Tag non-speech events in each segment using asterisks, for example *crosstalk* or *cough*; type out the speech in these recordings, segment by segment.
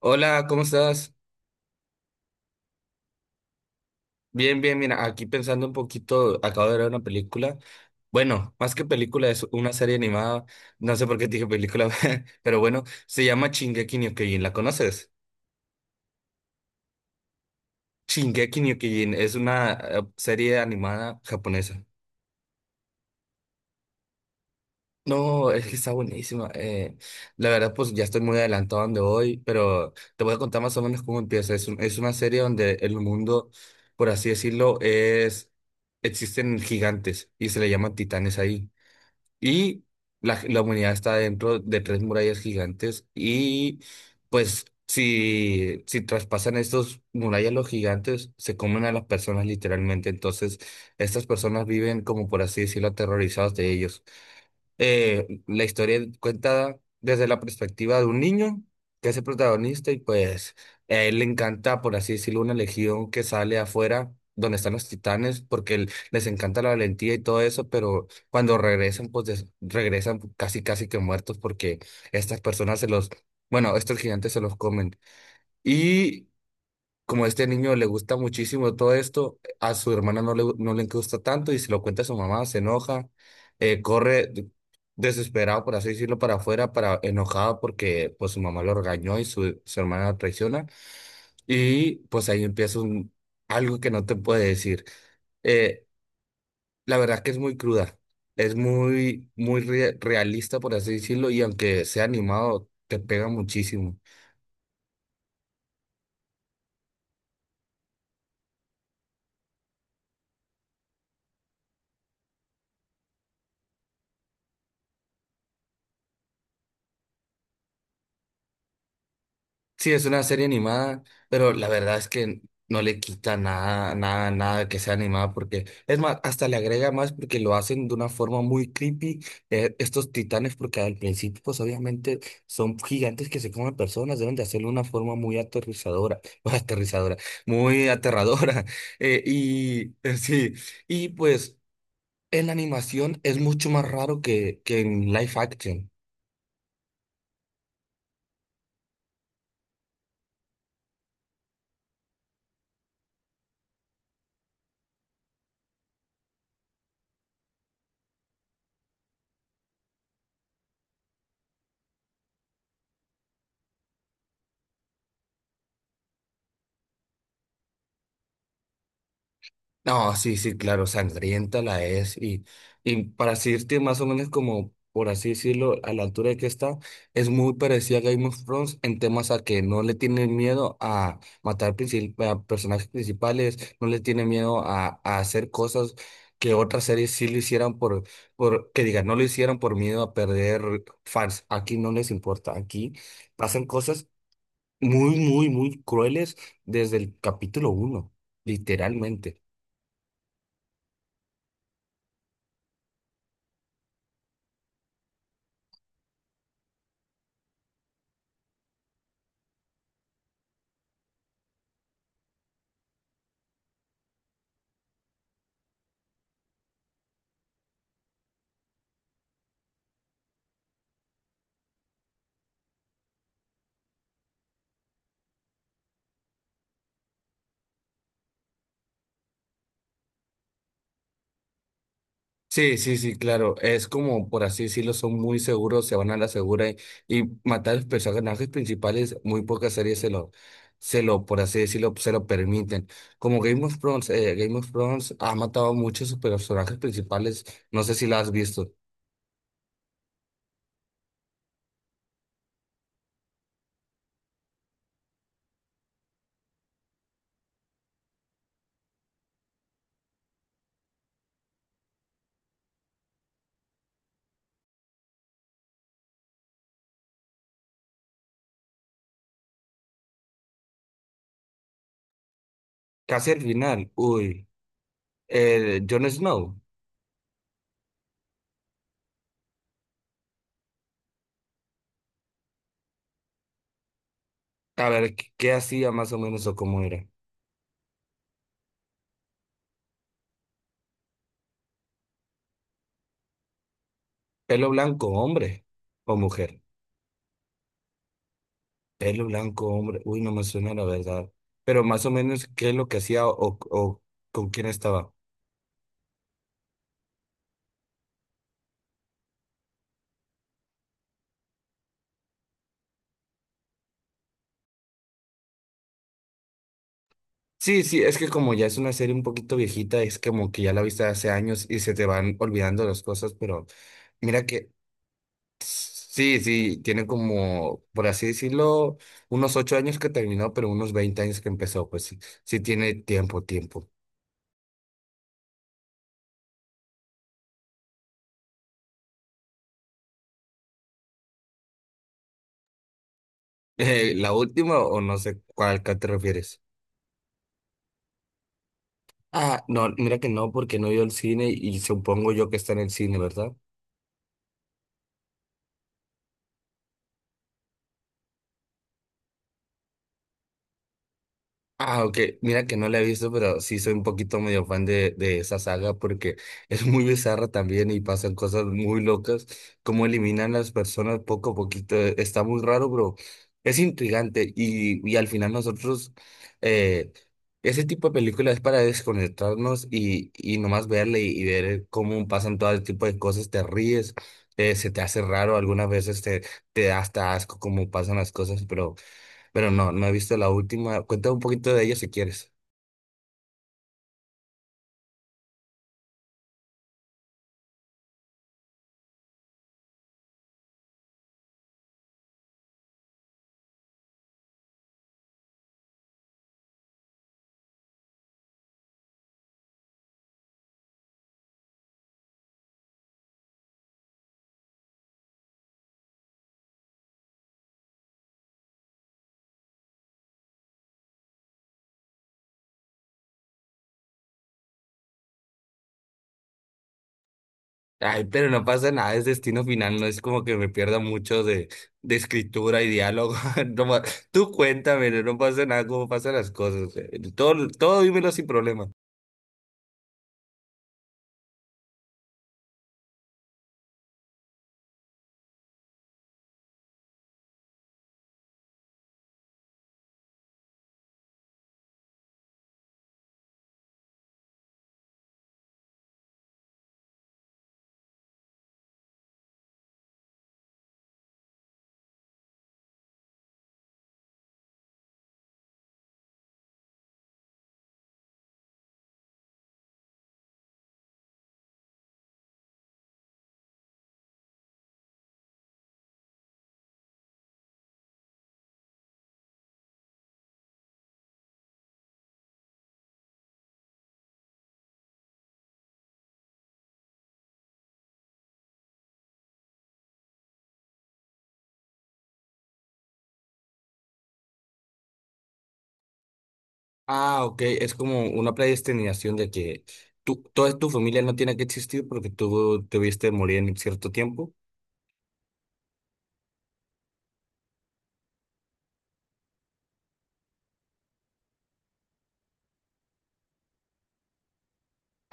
Hola, ¿cómo estás? Bien, bien, mira, aquí pensando un poquito, acabo de ver una película. Bueno, más que película, es una serie animada. No sé por qué te dije película, *laughs* pero bueno, se llama Shingeki no Kyojin, ¿la conoces? Shingeki no Kyojin es una serie animada japonesa. No, es que está buenísima. La verdad, pues ya estoy muy adelantado donde voy, pero te voy a contar más o menos cómo empieza. Es una serie donde el mundo, por así decirlo, existen gigantes y se le llaman titanes ahí. Y la humanidad está dentro de tres murallas gigantes y pues si traspasan estos murallas los gigantes, se comen a las personas literalmente. Entonces, estas personas viven como, por así decirlo, aterrorizados de ellos. La historia cuenta desde la perspectiva de un niño que es el protagonista y pues a él le encanta, por así decirlo, una legión que sale afuera donde están los titanes porque les encanta la valentía y todo eso, pero cuando regresan, pues regresan casi casi que muertos porque estas personas se los, bueno, estos gigantes se los comen como a este niño le gusta muchísimo todo esto, a su hermana no le gusta tanto y se lo cuenta a su mamá, se enoja, corre desesperado, por así decirlo, para afuera, para enojado porque pues su mamá lo regañó y su hermana lo traiciona y pues ahí empieza algo que no te puede decir. Eh, la verdad que es muy cruda, es muy, muy realista, por así decirlo, y aunque sea animado, te pega muchísimo. Sí, es una serie animada, pero la verdad es que no le quita nada, nada, nada que sea animada, porque es más, hasta le agrega más porque lo hacen de una forma muy creepy, estos titanes, porque al principio, pues obviamente son gigantes que se comen personas, deben de hacerlo de una forma muy aterrizadora, *laughs* o aterrizadora, muy aterradora. *laughs* Y sí, y pues en la animación es mucho más raro que en live action. No, sí, sí, claro, sangrienta la es. Y para decirte más o menos como, por así decirlo, a la altura de que está, es muy parecida a Game of Thrones en temas a que no le tienen miedo a matar a personajes principales, no le tienen miedo a hacer cosas que otras series sí lo hicieran por, que digan, no lo hicieran por miedo a perder fans. Aquí no les importa, aquí pasan cosas muy, muy, muy crueles desde el capítulo 1, literalmente. Sí, sí, sí, claro. Es como, por así decirlo, son muy seguros, se van a la segura y matar a los personajes principales, muy pocas series se lo, por así decirlo, se lo permiten. Como Game of Thrones ha matado a muchos personajes principales, no sé si la has visto. Casi al final, uy, el Jon Snow, a ver, ¿qué hacía más o menos o cómo era? ¿Pelo blanco, hombre o mujer? Pelo blanco, hombre. Uy, no me suena la verdad. Pero más o menos, ¿qué es lo que hacía o con quién estaba? Sí, sí, es que como ya es una serie un poquito viejita, es como que ya la viste hace años y se te van olvidando las cosas, pero mira que sí, sí, tiene como, por así decirlo, unos 8 años que terminó, pero unos 20 años que empezó, pues sí, sí tiene tiempo, tiempo. *laughs* La última o no sé cuál, ¿a te refieres? Ah, no, mira que no, porque no he el cine y supongo yo que está en el cine, ¿verdad? Ah, ok. Mira que no la he visto, pero sí soy un poquito medio fan de esa saga porque *laughs* es muy bizarra también y pasan cosas muy locas, como eliminan las personas poco a poquito. Está muy raro, pero es intrigante y al final nosotros, eh, ese tipo de películas es para desconectarnos y nomás verle y ver cómo pasan todo el tipo de cosas, te ríes, se te hace raro, algunas veces te da hasta asco cómo pasan las cosas, pero... Pero no, no he visto la última. Cuéntame un poquito de ella si quieres. Ay, pero no pasa nada, es destino final, no es como que me pierda mucho de escritura y diálogo. *laughs* No ma- tú cuéntame, no pasa nada, cómo pasan las cosas. Todo, todo dímelo sin problema. Ah, ok, es como una predestinación de que tú, toda tu familia no tiene que existir porque tú te viste morir en cierto tiempo.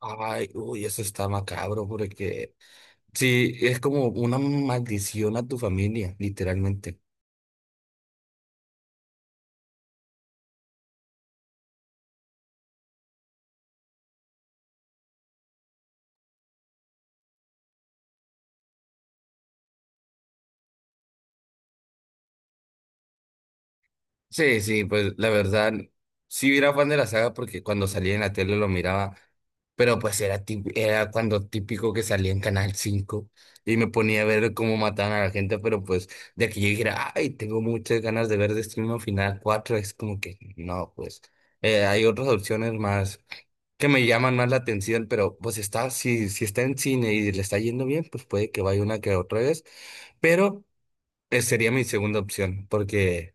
Ay, uy, eso está macabro porque sí, es como una maldición a tu familia, literalmente. Sí, sí, pues la verdad, sí era fan de la saga porque cuando salía en la tele lo miraba, pero pues era cuando típico que salía en Canal 5 y me ponía a ver cómo mataban a la gente, pero pues de que yo dijera, ay, tengo muchas ganas de ver Destino Final 4 es como que no, pues hay otras opciones más que me llaman más la atención, pero pues está, si está en cine y le está yendo bien, pues puede que vaya una que otra vez, pero sería mi segunda opción porque...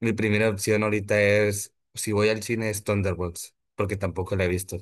Mi primera opción ahorita es, si voy al cine, es Thunderbolts, porque tampoco la he visto.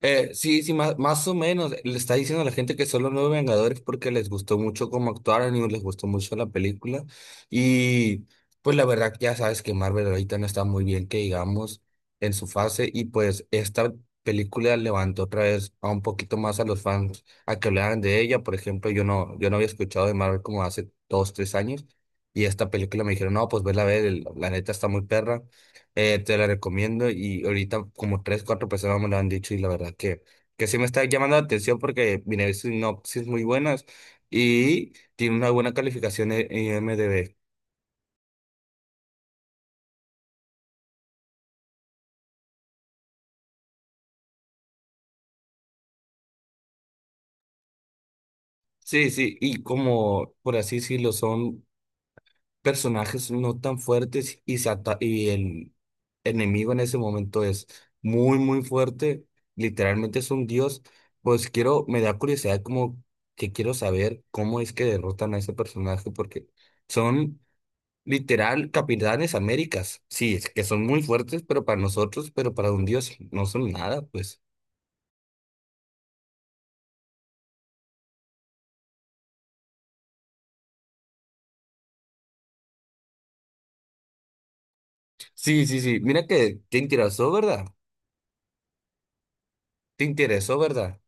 Sí, sí, más o menos. Le está diciendo a la gente que son los nuevos Vengadores porque les gustó mucho cómo actuaron y les gustó mucho la película. Y pues la verdad, ya sabes que Marvel ahorita no está muy bien, que digamos, en su fase. Y pues esta película levantó otra vez a un poquito más a los fans a que hablaran de ella. Por ejemplo, yo no había escuchado de Marvel como hace 2, 3 años. Y esta película me dijeron, no, pues vela a ver, la neta está muy perra. Te la recomiendo y ahorita como tres, cuatro personas me lo han dicho y la verdad que sí me está llamando la atención porque viene sinopsis muy buenas y tiene una buena calificación en IMDb. Sí, sí, y como por así decirlo, son personajes no tan fuertes y el enemigo en ese momento es muy, muy fuerte, literalmente es un dios, pues quiero, me da curiosidad como que quiero saber cómo es que derrotan a ese personaje porque... Son Literal, Capitanes Américas. Sí, es que son muy fuertes, pero para nosotros, pero para un dios, no son nada, pues. Sí, sí, sí. Mira que te interesó, ¿verdad? Te interesó, ¿verdad?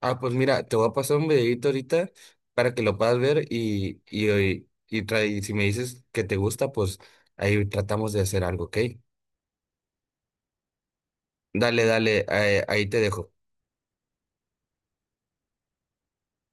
Ah, pues mira, te voy a pasar un videito ahorita para que lo puedas ver y si me dices que te gusta, pues ahí tratamos de hacer algo, ¿ok? Dale, dale, ahí te dejo.